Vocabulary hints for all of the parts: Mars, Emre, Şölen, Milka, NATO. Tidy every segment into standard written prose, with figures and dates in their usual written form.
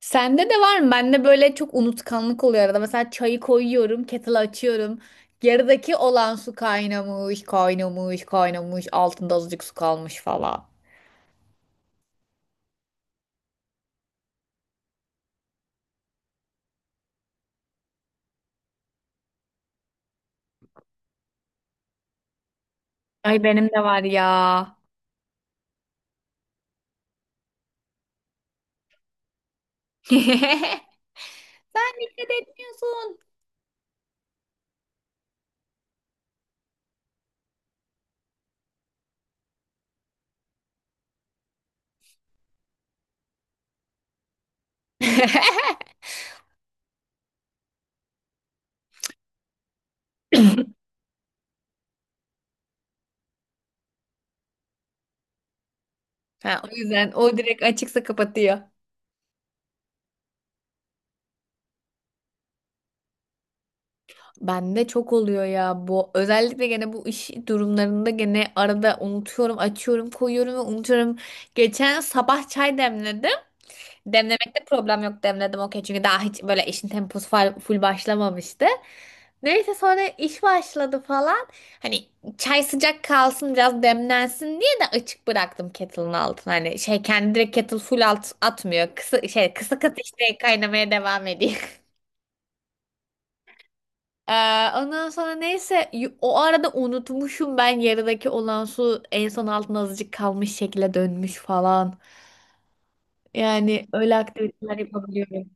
Sende de var mı? Bende böyle çok unutkanlık oluyor arada. Mesela çayı koyuyorum, kettle açıyorum. Yarıdaki olan su kaynamış, kaynamış, kaynamış. Altında azıcık su kalmış falan. Ay benim de var ya. Sen dikkat etmiyorsun. Ha, o yüzden o direkt açıksa kapatıyor. Bende çok oluyor ya bu. Özellikle gene bu iş durumlarında gene arada unutuyorum, açıyorum, koyuyorum ve unutuyorum. Geçen sabah çay demledim. Demlemekte problem yok, demledim okey. Çünkü daha hiç böyle işin temposu full başlamamıştı. Neyse sonra iş başladı falan. Hani çay sıcak kalsın biraz demlensin diye de açık bıraktım kettle'ın altını. Hani şey kendi direkt kettle full alt atmıyor. Kısa, şey, kısık ateşte kaynamaya devam ediyor. Ee, ondan sonra neyse o arada unutmuşum, ben yarıdaki olan su en son altına azıcık kalmış şekilde dönmüş falan. Yani öyle aktiviteler yapabiliyorum.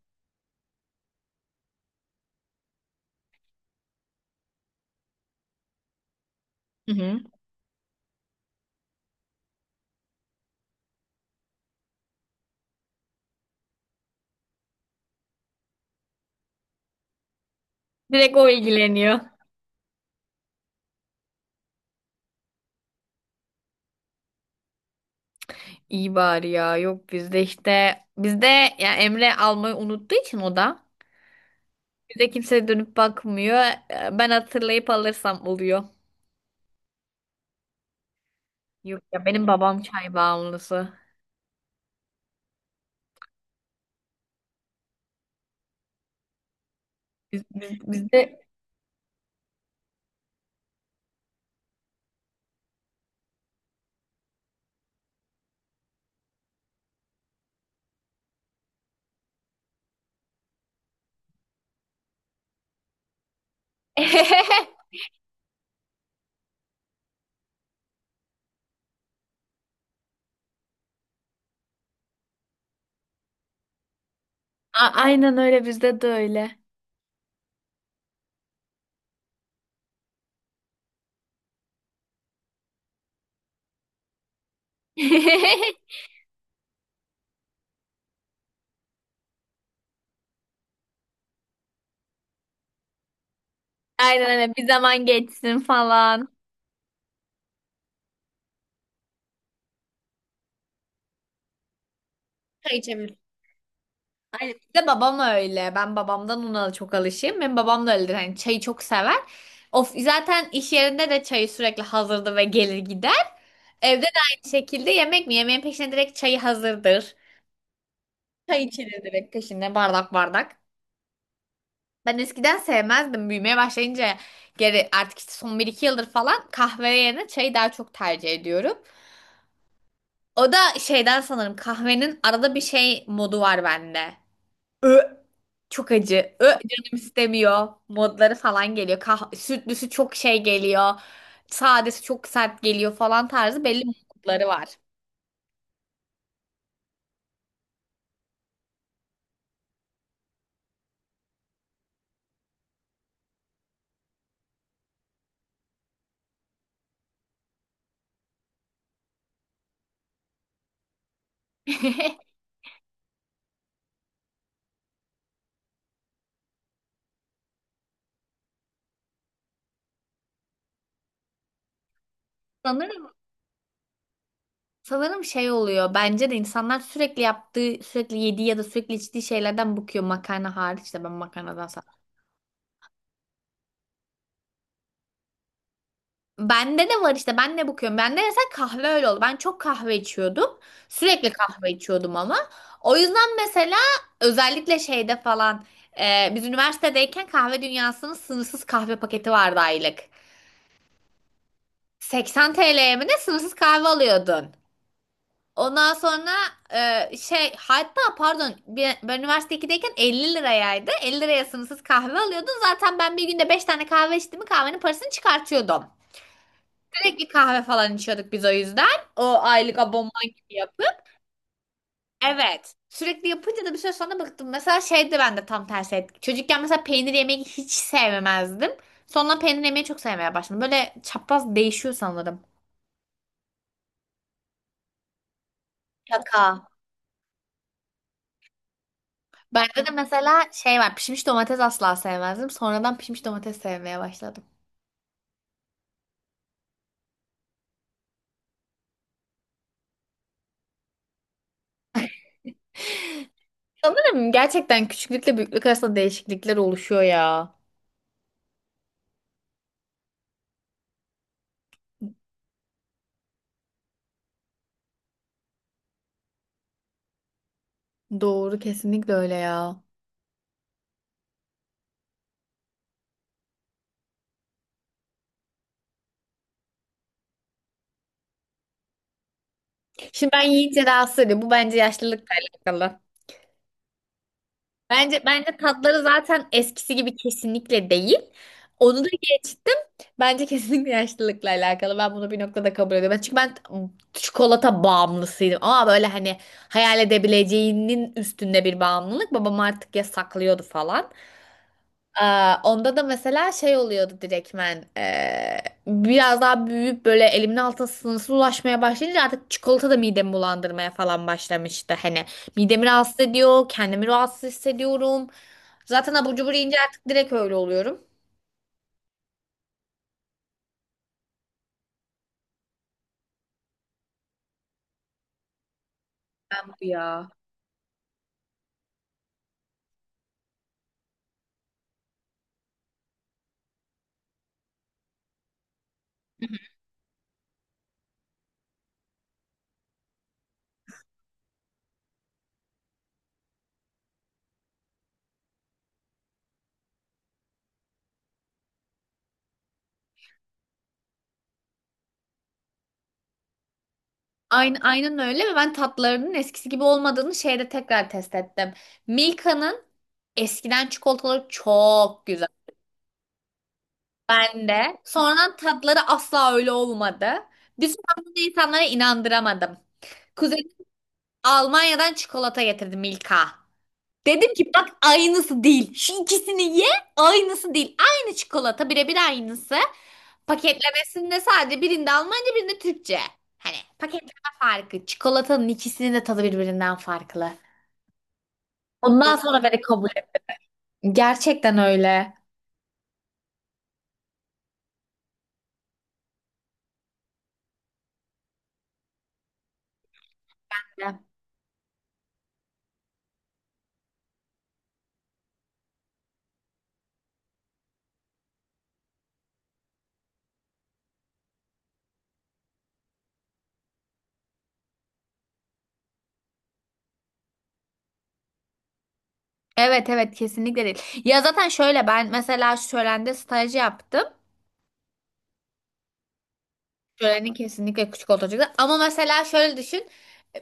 Hı hı. Direkt o ilgileniyor. İyi bari ya. Yok bizde, işte bizde ya Emre almayı unuttuğu için o da bize kimse dönüp bakmıyor. Ben hatırlayıp alırsam oluyor. Yok ya, benim babam çay bağımlısı. Bizde. Aynen öyle, bizde de öyle. Aynen öyle, bir zaman geçsin falan. Çay. Bir de babam öyle. Ben babamdan ona çok alışığım. Benim babam da öyledir. Hani çayı çok sever. Of, zaten iş yerinde de çayı sürekli hazırdı ve gelir gider. Evde de aynı şekilde yemek mi? Yemeğin peşine direkt çayı hazırdır. Çay içilir direkt peşinde bardak bardak. Ben eskiden sevmezdim. Büyümeye başlayınca geri artık işte son bir iki yıldır falan kahve yerine çayı daha çok tercih ediyorum. O da şeyden sanırım, kahvenin arada bir şey modu var bende. Ö, çok acı. Canım istemiyor. Modları falan geliyor. Sütlüsü çok şey geliyor. Sadesi çok sert geliyor falan tarzı belli modları var. Sanırım sanırım şey oluyor. Bence de insanlar sürekli yaptığı, sürekli yediği ya da sürekli içtiği şeylerden bıkıyor, makarna hariç. De ben makarnadan. Bende de var işte, ben de bakıyorum. Bende mesela kahve öyle oldu. Ben çok kahve içiyordum. Sürekli kahve içiyordum ama. O yüzden mesela özellikle şeyde falan, biz üniversitedeyken kahve dünyasının sınırsız kahve paketi vardı aylık. 80 TL'ye mi ne, sınırsız kahve alıyordun. Ondan sonra şey, hatta pardon ben üniversite 2'deyken 50 lirayaydı. 50 liraya sınırsız kahve alıyordun. Zaten ben bir günde 5 tane kahve içtim mi kahvenin parasını çıkartıyordum. Sürekli kahve falan içiyorduk biz o yüzden. O aylık abonman gibi yapıp. Evet. Sürekli yapınca da bir süre sonra bıktım. Mesela şeydi, ben de tam tersi etki. Çocukken mesela peynir yemeyi hiç sevmezdim. Sonra peynir yemeyi çok sevmeye başladım. Böyle çapraz değişiyor sanırım. Şaka. Bende de mesela şey var. Pişmiş domates asla sevmezdim. Sonradan pişmiş domates sevmeye başladım. Sanırım gerçekten küçüklükle büyüklük arasında değişiklikler oluşuyor ya. Doğru, kesinlikle öyle ya. Şimdi ben yiyince rahatsız ediyor. Bu bence yaşlılıkla alakalı. bence tatları zaten eskisi gibi kesinlikle değil. Onu da geçtim. Bence kesinlikle yaşlılıkla alakalı. Ben bunu bir noktada kabul ediyorum. Çünkü ben çikolata bağımlısıydım. Ama böyle hani hayal edebileceğinin üstünde bir bağımlılık. Babam artık yasaklıyordu falan. Aa, onda da mesela şey oluyordu direktmen, biraz daha büyüyüp böyle elimin altına sınırsız ulaşmaya başlayınca artık çikolata da midemi bulandırmaya falan başlamıştı. Hani midemi rahatsız ediyor, kendimi rahatsız hissediyorum. Zaten abur cubur yiyince artık direkt öyle oluyorum. Bu ya. Aynen, aynen öyle, ve ben tatlarının eskisi gibi olmadığını şeyde tekrar test ettim. Milka'nın eskiden çikolataları çok güzel. Ben de. Sonradan tatları asla öyle olmadı. Bir süre bunu insanlara inandıramadım. Kuzenim Almanya'dan çikolata getirdi, Milka. Dedim ki bak, aynısı değil. Şu ikisini ye, aynısı değil. Aynı çikolata, birebir aynısı. Paketlemesinde sadece birinde Almanca, birinde Türkçe. Hani paketleme farkı. Çikolatanın ikisinin de tadı birbirinden farklı. Ondan sonra beni kabul et. Gerçekten öyle. Evet evet, kesinlikle değil. Ya zaten şöyle, ben mesela şölende staj yaptım. Şöleni kesinlikle küçük olacak. Ama mesela şöyle düşün.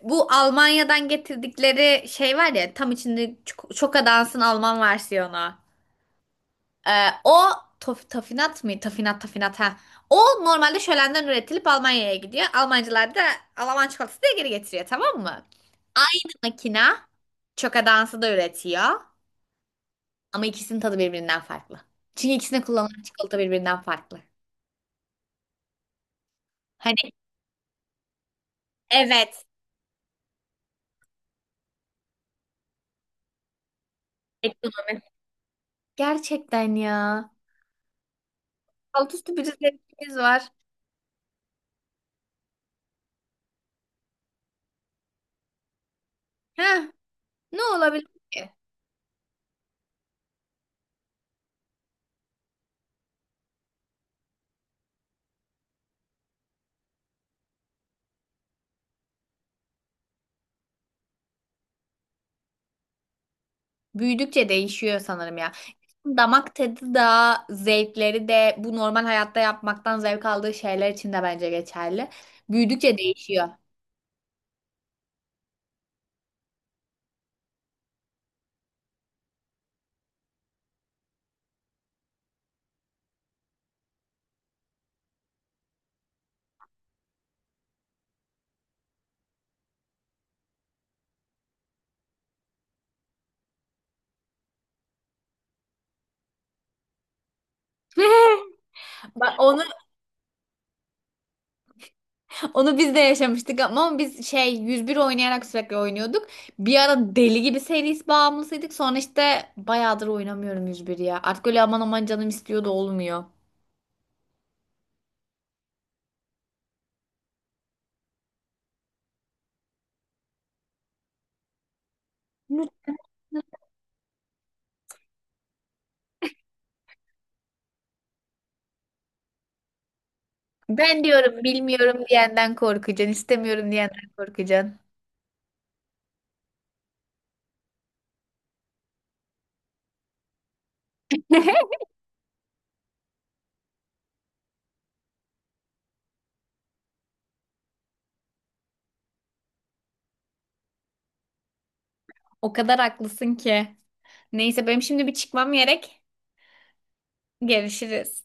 Bu Almanya'dan getirdikleri şey var ya, tam içinde çok çok dansın Alman versiyonu. O tafinat mı? Tafinat tafinat, ha. O normalde şölenden üretilip Almanya'ya gidiyor. Almancılar da Alman çikolatası diye geri getiriyor, tamam mı? Aynı makina çoka dansı da üretiyor. Ama ikisinin tadı birbirinden farklı. Çünkü ikisine kullanılan çikolata birbirinden farklı. Hani evet. Ekonomi. Gerçekten ya. Alt üstü bir zevkimiz var. Heh, ne olabilir ki? Büyüdükçe değişiyor sanırım ya. Damak tadı da, zevkleri de, bu normal hayatta yapmaktan zevk aldığı şeyler için de bence geçerli. Büyüdükçe değişiyor. Bak onu. Onu biz de yaşamıştık, ama biz şey 101 oynayarak sürekli oynuyorduk. Bir ara deli gibi seris bağımlısıydık. Sonra işte bayağıdır oynamıyorum 101 ya. Artık öyle aman aman, canım istiyor da olmuyor. Ben diyorum bilmiyorum diyenden korkacaksın, istemiyorum diyenden korkacaksın. O kadar haklısın ki. Neyse, benim şimdi bir çıkmam gerek. Görüşürüz.